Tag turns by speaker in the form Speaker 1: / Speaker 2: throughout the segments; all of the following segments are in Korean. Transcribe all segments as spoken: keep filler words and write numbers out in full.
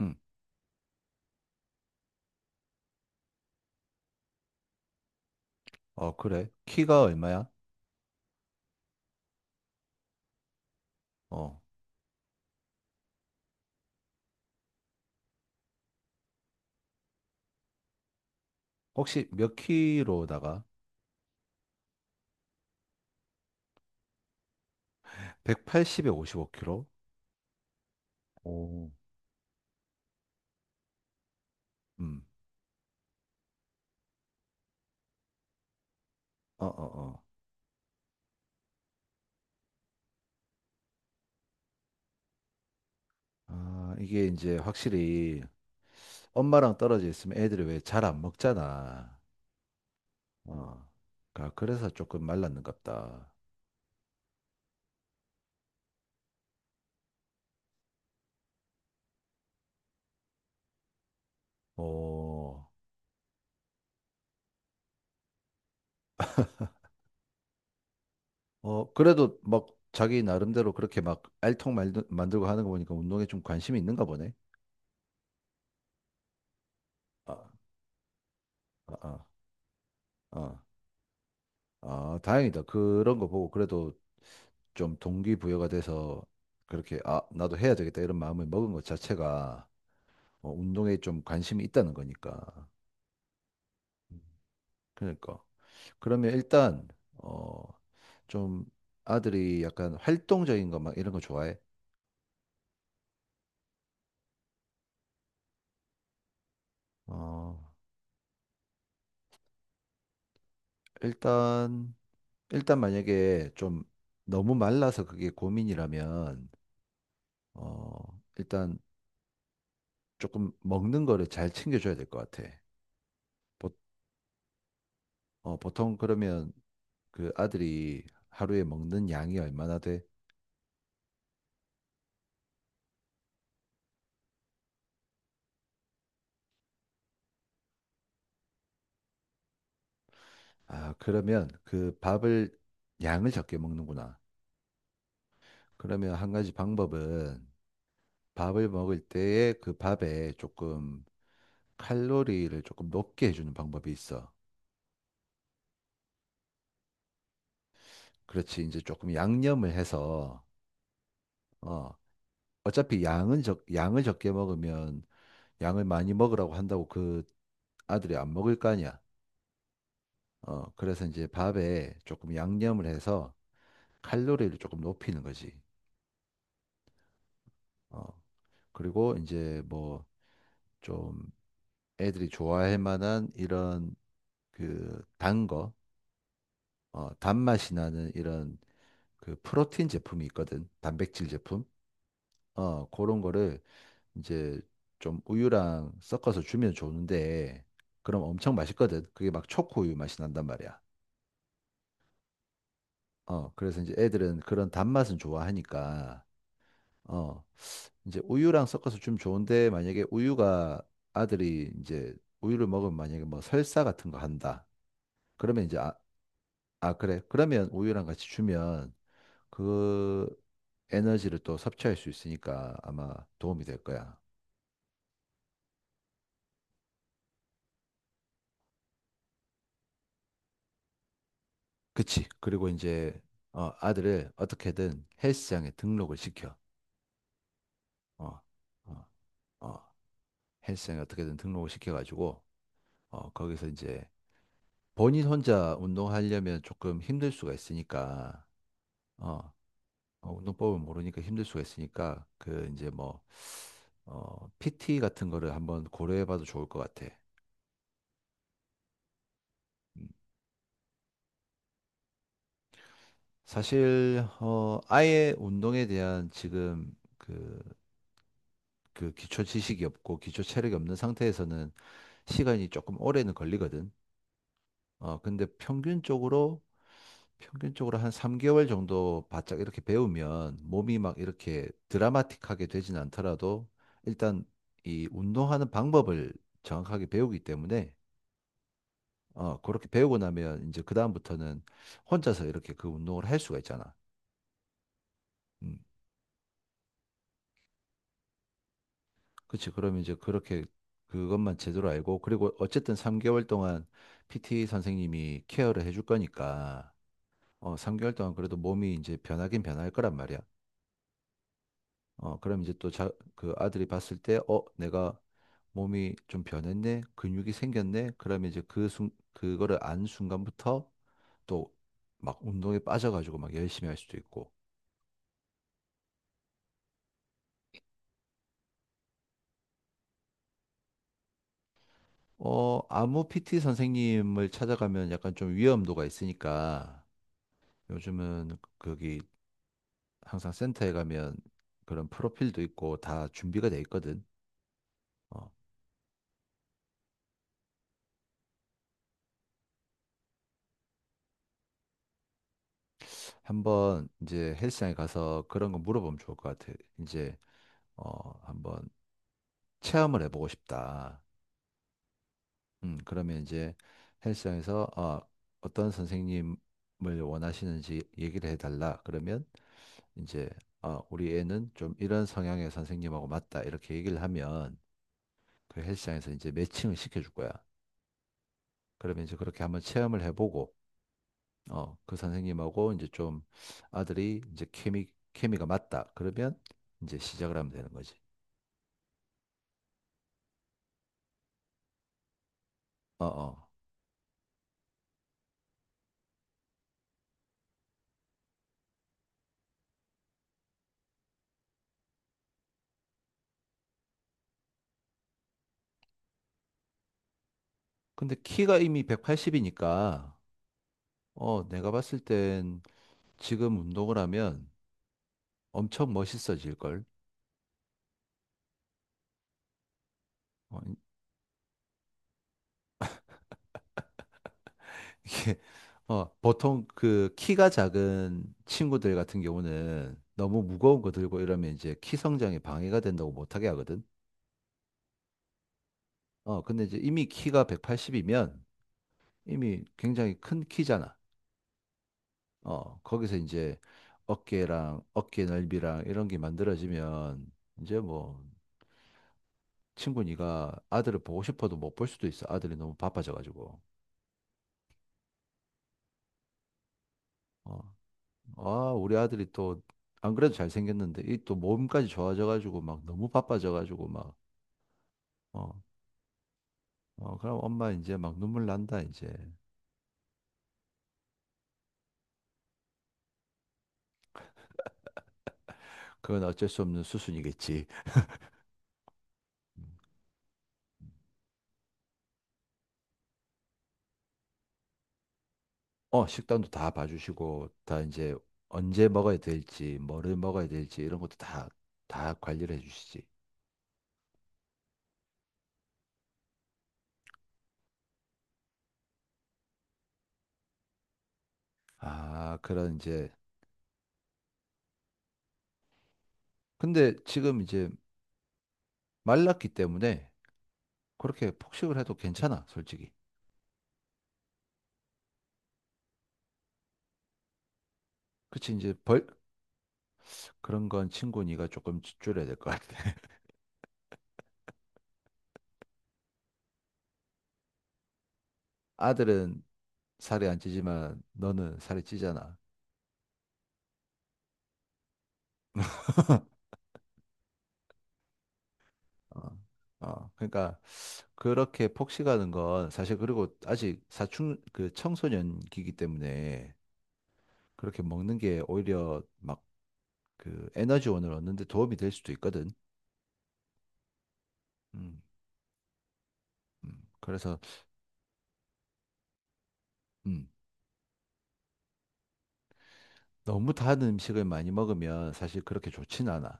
Speaker 1: 응. 어, 그래. 키가 얼마야? 어. 혹시 몇 키로다가? 백팔십에 오십오 키로? 오, 음. 어, 어, 어. 아, 이게 이제 확실히 엄마랑 떨어져 있으면 애들이 왜 잘 안 먹잖아. 어. 그러니까 그래서 조금 말랐는갑다. 어. 어, 그래도 막 자기 나름대로 그렇게 막 알통 말들, 만들고 하는 거 보니까 운동에 좀 관심이 있는가 보네. 아, 아, 아. 아, 아, 다행이다. 그런 거 보고 그래도 좀 동기부여가 돼서 그렇게 아, 나도 해야 되겠다 이런 마음을 먹은 것 자체가 어, 운동에 좀 관심이 있다는 거니까. 음. 그러니까. 그러면 일단 어, 좀 아들이 약간 활동적인 거 막 이런 거 좋아해? 어, 일단 일단 만약에 좀 너무 말라서 그게 고민이라면 어, 일단 조금 먹는 거를 잘 챙겨줘야 될 것 같아. 보, 어, 보통 그러면 그 아들이 하루에 먹는 양이 얼마나 돼? 아, 그러면 그 밥을 양을 적게 먹는구나. 그러면 한 가지 방법은 밥을 먹을 때에 그 밥에 조금 칼로리를 조금 높게 해주는 방법이 있어. 그렇지. 이제 조금 양념을 해서, 어, 어차피 양은 적, 양을 적게 먹으면 양을 많이 먹으라고 한다고 그 아들이 안 먹을 거 아니야. 어, 그래서 이제 밥에 조금 양념을 해서 칼로리를 조금 높이는 거지. 어, 그리고 이제 뭐 좀 애들이 좋아할 만한 이런 그 단 거, 어, 단맛이 나는 이런 그 프로틴 제품이 있거든. 단백질 제품. 어, 그런 거를 이제 좀 우유랑 섞어서 주면 좋은데 그럼 엄청 맛있거든. 그게 막 초코 우유 맛이 난단 말이야. 어, 그래서 이제 애들은 그런 단맛은 좋아하니까 어, 이제 우유랑 섞어서 주면 좋은데 만약에 우유가 아들이 이제 우유를 먹으면 만약에 뭐 설사 같은 거 한다. 그러면 이제 아, 아 그래. 그러면 우유랑 같이 주면 그 에너지를 또 섭취할 수 있으니까 아마 도움이 될 거야. 그치. 그리고 이제 어, 아들을 어떻게든 헬스장에 등록을 시켜. 어, 어, 어. 헬스장에 어떻게든 등록을 시켜가지고 어, 거기서 이제 본인 혼자 운동하려면 조금 힘들 수가 있으니까 어, 어, 운동법을 모르니까 힘들 수가 있으니까 그 이제 뭐 어, 피티 같은 거를 한번 고려해봐도 좋을 것 같아. 음. 사실 어 아예 운동에 대한 지금 그 그 기초 지식이 없고 기초 체력이 없는 상태에서는 시간이 조금 오래는 걸리거든. 어 근데 평균적으로 평균적으로 한 삼 개월 정도 바짝 이렇게 배우면 몸이 막 이렇게 드라마틱하게 되진 않더라도 일단 이 운동하는 방법을 정확하게 배우기 때문에 어 그렇게 배우고 나면 이제 그다음부터는 혼자서 이렇게 그 운동을 할 수가 있잖아. 음. 그치. 그럼 이제 그렇게 그것만 제대로 알고, 그리고 어쨌든 삼 개월 동안 피티 선생님이 케어를 해줄 거니까, 어, 삼 개월 동안 그래도 몸이 이제 변하긴 변할 거란 말이야. 어, 그럼 이제 또 자, 그 아들이 봤을 때, 어, 내가 몸이 좀 변했네? 근육이 생겼네? 그러면 이제 그 순, 그거를 안 순간부터 또 막 운동에 빠져가지고 막 열심히 할 수도 있고, 어, 아무 피티 선생님을 찾아가면 약간 좀 위험도가 있으니까, 요즘은 거기 항상 센터에 가면 그런 프로필도 있고 다 준비가 돼 있거든. 어, 한번 이제 헬스장에 가서 그런 거 물어보면 좋을 것 같아. 이제 어, 한번 체험을 해보고 싶다. 음, 그러면 이제 헬스장에서 어, 어떤 선생님을 원하시는지 얘기를 해달라. 그러면 이제 어, 우리 애는 좀 이런 성향의 선생님하고 맞다. 이렇게 얘기를 하면 그 헬스장에서 이제 매칭을 시켜줄 거야. 그러면 이제 그렇게 한번 체험을 해보고 어, 그 선생님하고 이제 좀 아들이 이제 케미, 케미가 맞다. 그러면 이제 시작을 하면 되는 거지. 어, 어. 근데 키가 이미 백팔십이니까, 어, 내가 봤을 땐 지금 운동을 하면 엄청 멋있어질 걸. 어, 이게, 어, 보통 그 키가 작은 친구들 같은 경우는 너무 무거운 거 들고 이러면 이제 키 성장에 방해가 된다고 못하게 하거든. 어, 근데 이제 이미 키가 백팔십이면 이미 굉장히 큰 키잖아. 어, 거기서 이제 어깨랑 어깨 넓이랑 이런 게 만들어지면 이제 뭐 친구 니가 아들을 보고 싶어도 못 볼 수도 있어. 아들이 너무 바빠져 가지고. 어. 아, 우리 아들이 또 안 그래도 잘생겼는데 이 또 몸까지 좋아져 가지고 막 너무 바빠져 가지고 막 어. 어, 그럼 엄마 이제 막 눈물 난다 이제. 그건 어쩔 수 없는 수순이겠지. 음. 어, 식단도 다 봐주시고 다 이제 언제 먹어야 될지, 뭐를 먹어야 될지 이런 것도 다 다 관리를 해주시지. 아, 그런 이제. 근데 지금 이제 말랐기 때문에 그렇게 폭식을 해도 괜찮아, 솔직히. 그치, 이제 벌, 그런 건 친구 니가 조금 줄- 줄여야 될 것 같아. 아들은 살이 안 찌지만 너는 살이 찌잖아. 어, 어. 그러니까 그렇게 폭식하는 건 사실 그리고 아직 사춘, 그 청소년기이기 때문에 그렇게 먹는 게 오히려 막 그 에너지원을 얻는 데 도움이 될 수도 있거든. 음, 음. 그래서 음. 너무 단 음식을 많이 먹으면 사실 그렇게 좋진 않아.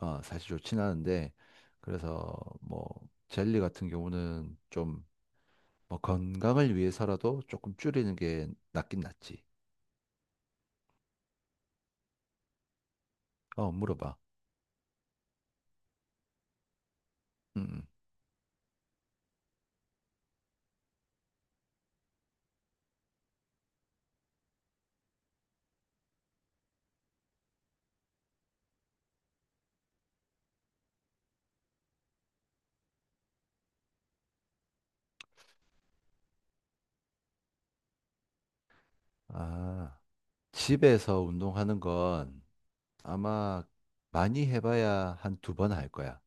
Speaker 1: 어, 사실 좋진 않은데, 그래서 뭐, 젤리 같은 경우는 좀, 뭐, 건강을 위해서라도 조금 줄이는 게 낫긴 낫지. 어, 물어봐. 음, 음. 아, 집에서 운동하는 건 아마 많이 해봐야 한 두 번 할 거야.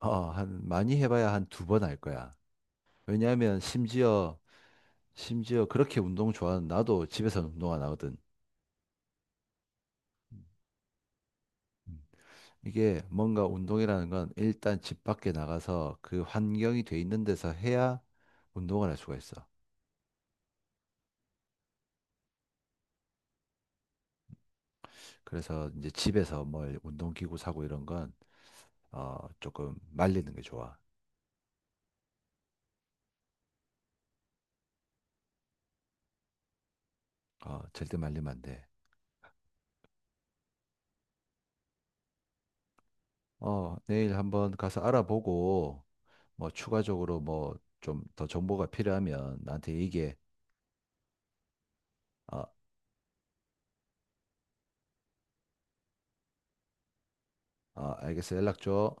Speaker 1: 어, 한, 많이 해봐야 한 두 번 할 거야. 왜냐하면 심지어, 심지어 그렇게 운동 좋아하는 나도 집에서 운동 안 하거든. 음. 이게 뭔가 운동이라는 건 일단 집 밖에 나가서 그 환경이 돼 있는 데서 해야 운동을 할 수가 있어. 그래서 이제 집에서 뭘 운동기구 사고 이런 건, 어, 조금 말리는 게 좋아. 어, 절대 말리면 안 돼. 어, 내일 한번 가서 알아보고, 뭐 추가적으로 뭐 좀 더 정보가 필요하면 나한테 얘기해. 어, 어, 알겠어. 연락 줘.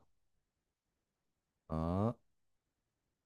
Speaker 1: 어.